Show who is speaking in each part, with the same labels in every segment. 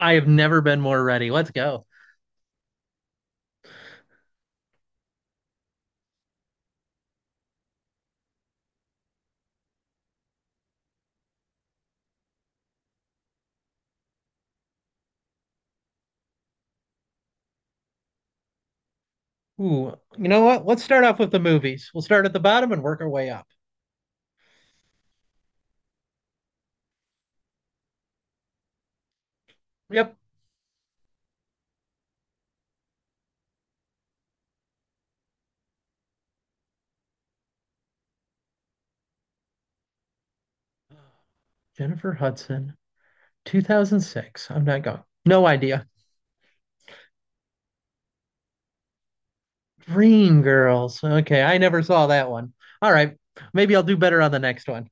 Speaker 1: I have never been more ready. Let's go. Ooh, you know what? Let's start off with the movies. We'll start at the bottom and work our way up. Yep. Jennifer Hudson, 2006. I'm not going. No idea. Dreamgirls. Okay, I never saw that one. All right, maybe I'll do better on the next one.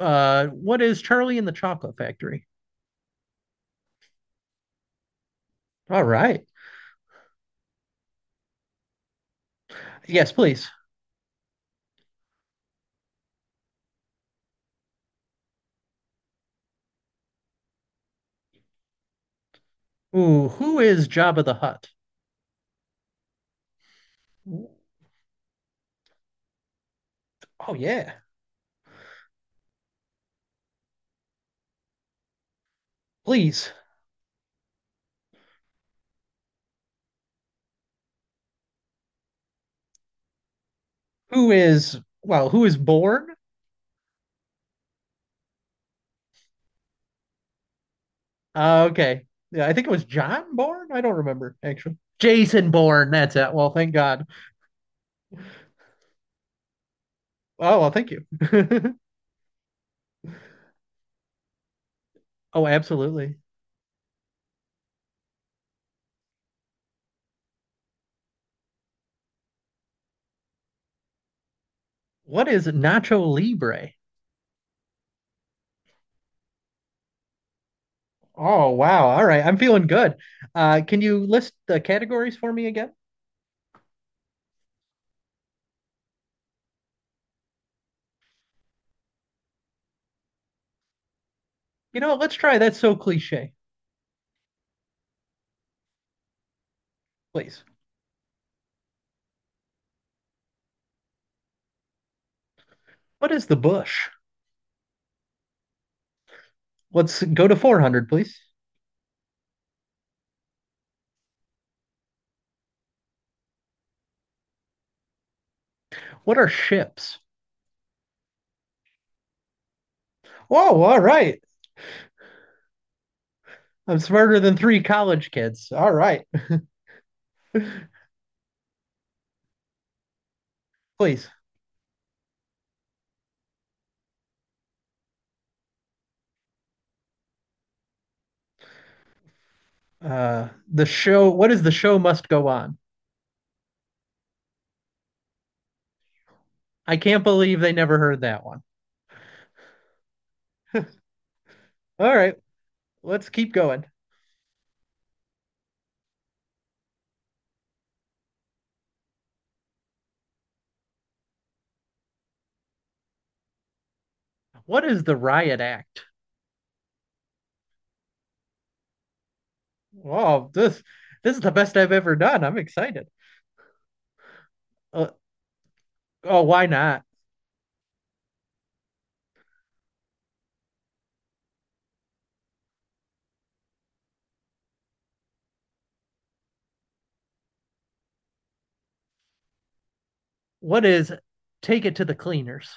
Speaker 1: What is Charlie and the Chocolate Factory? All right. Yes, please. Ooh, who is Jabba the Hutt? Oh, yeah, please. Who is well? Who is born? Okay. Yeah, I think it was John Bourne. I don't remember actually. Jason Bourne. That's it. Well, thank God. Oh, well, thank you. Oh, absolutely. What is Nacho Libre? Oh, wow. All right. I'm feeling good. Can you list the categories for me again? You know what? Let's try. That's so cliche, please. What is the bush? Let's go to 400, please. What are ships? Whoa, all right. I'm smarter than three college kids. All right. Please. The show. What is the show must go on? I can't believe they never heard that one. All right, let's keep going. What is the riot act? Oh, this is the best I've ever done. I'm excited. Uh, oh, why not? What is take it to the cleaners?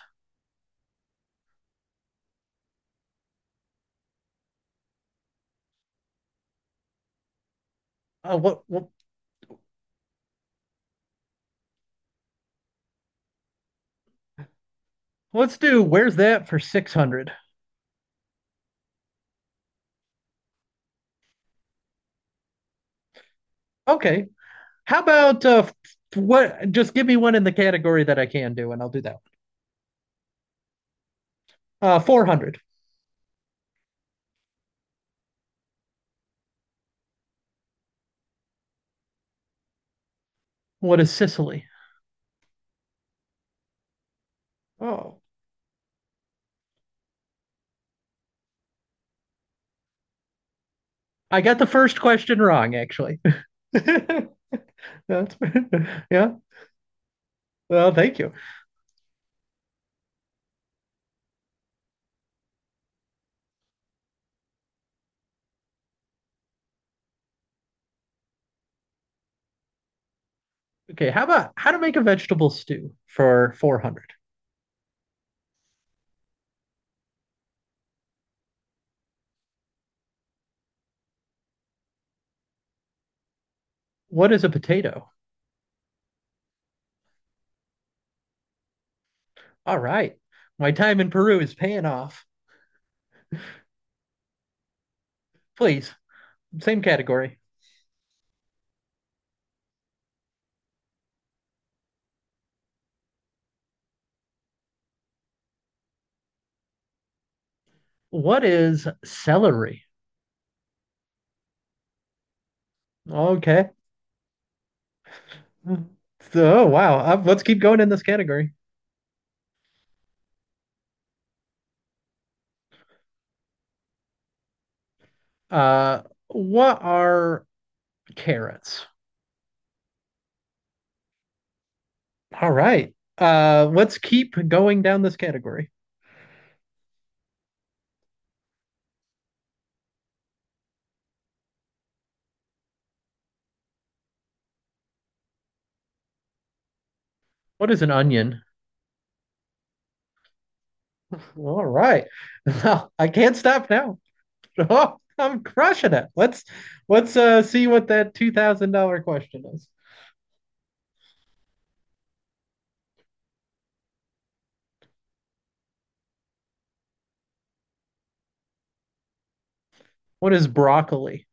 Speaker 1: What let's do where's that for 600. Okay. How about what, just give me one in the category that I can do and I'll do that. Uh, 400. What is Sicily? Oh, I got the first question wrong actually. That's yeah. Well, thank you. Okay, how about how to make a vegetable stew for 400? What is a potato? All right. My time in Peru is paying off. Please, same category. What is celery? Okay. So, oh, wow. Let's keep going in this category. What are carrots? All right. Let's keep going down this category. What is an onion? All right. I can't stop now. Oh, I'm crushing it. Let's see what that $2,000 question is. What is broccoli?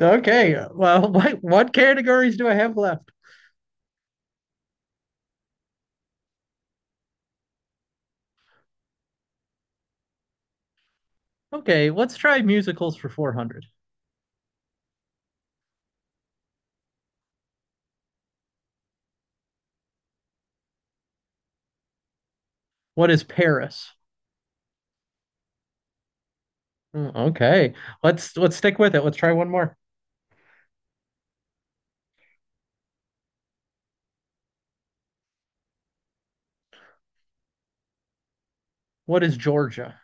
Speaker 1: Okay, well, what categories do I have left? Okay, let's try musicals for 400. What is Paris? Mm. Okay, let's stick with it. Let's try one more. What is Georgia?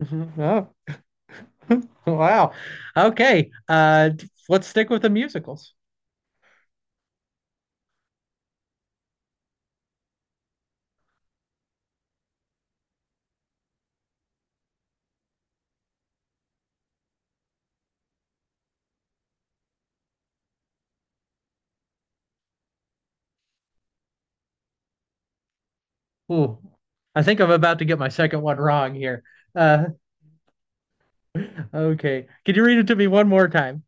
Speaker 1: Oh, wow. Okay, let's stick with the musicals. Ooh, I think I'm about to get my second one wrong here. Uh, okay, can you read it to me one more time?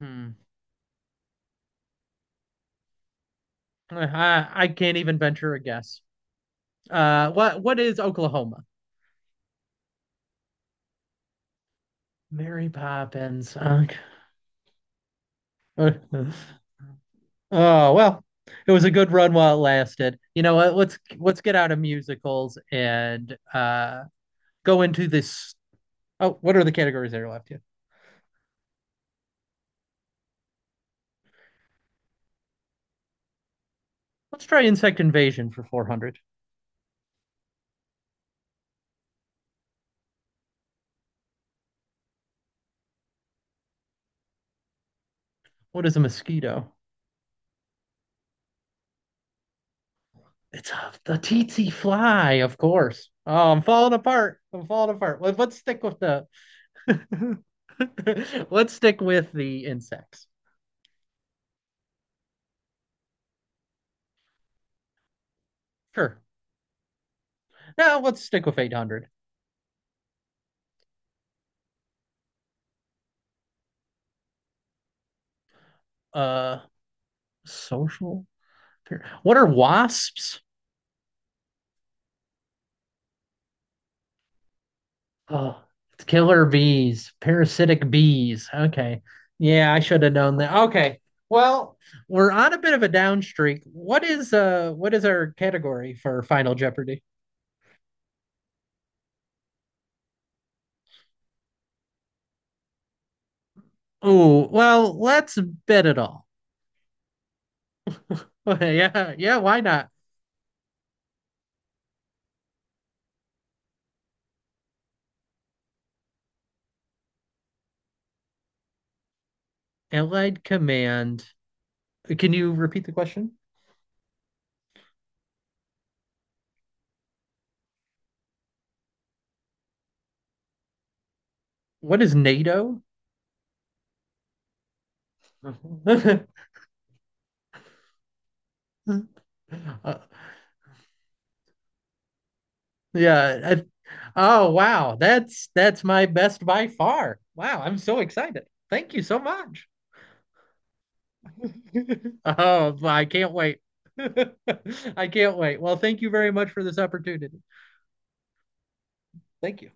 Speaker 1: Hmm. I can't even venture a guess. What is Oklahoma? Mary Poppins. Okay. Oh well, it was a good run while it lasted. You know what? Let's get out of musicals and go into this. Oh, what are the categories that are left here? Let's try insect invasion for 400. What is a mosquito? The tsetse fly, of course. Oh, I'm falling apart. I'm falling apart. Let's stick with the let's stick with the insects. Sure. Now let's stick with 800. Uh, social. What are wasps? Oh, killer bees, parasitic bees. Okay. Yeah, I should have known that. Okay. Well, we're on a bit of a down streak. What is our category for Final Jeopardy? Oh, well, let's bet it all. Yeah, yeah, why not? Allied Command. Can you repeat the question? What is NATO? Uh, yeah. Oh wow, that's my best by far. Wow, I'm so excited. Thank you so much. Oh, I can't wait. I can't wait. Well, thank you very much for this opportunity. Thank you.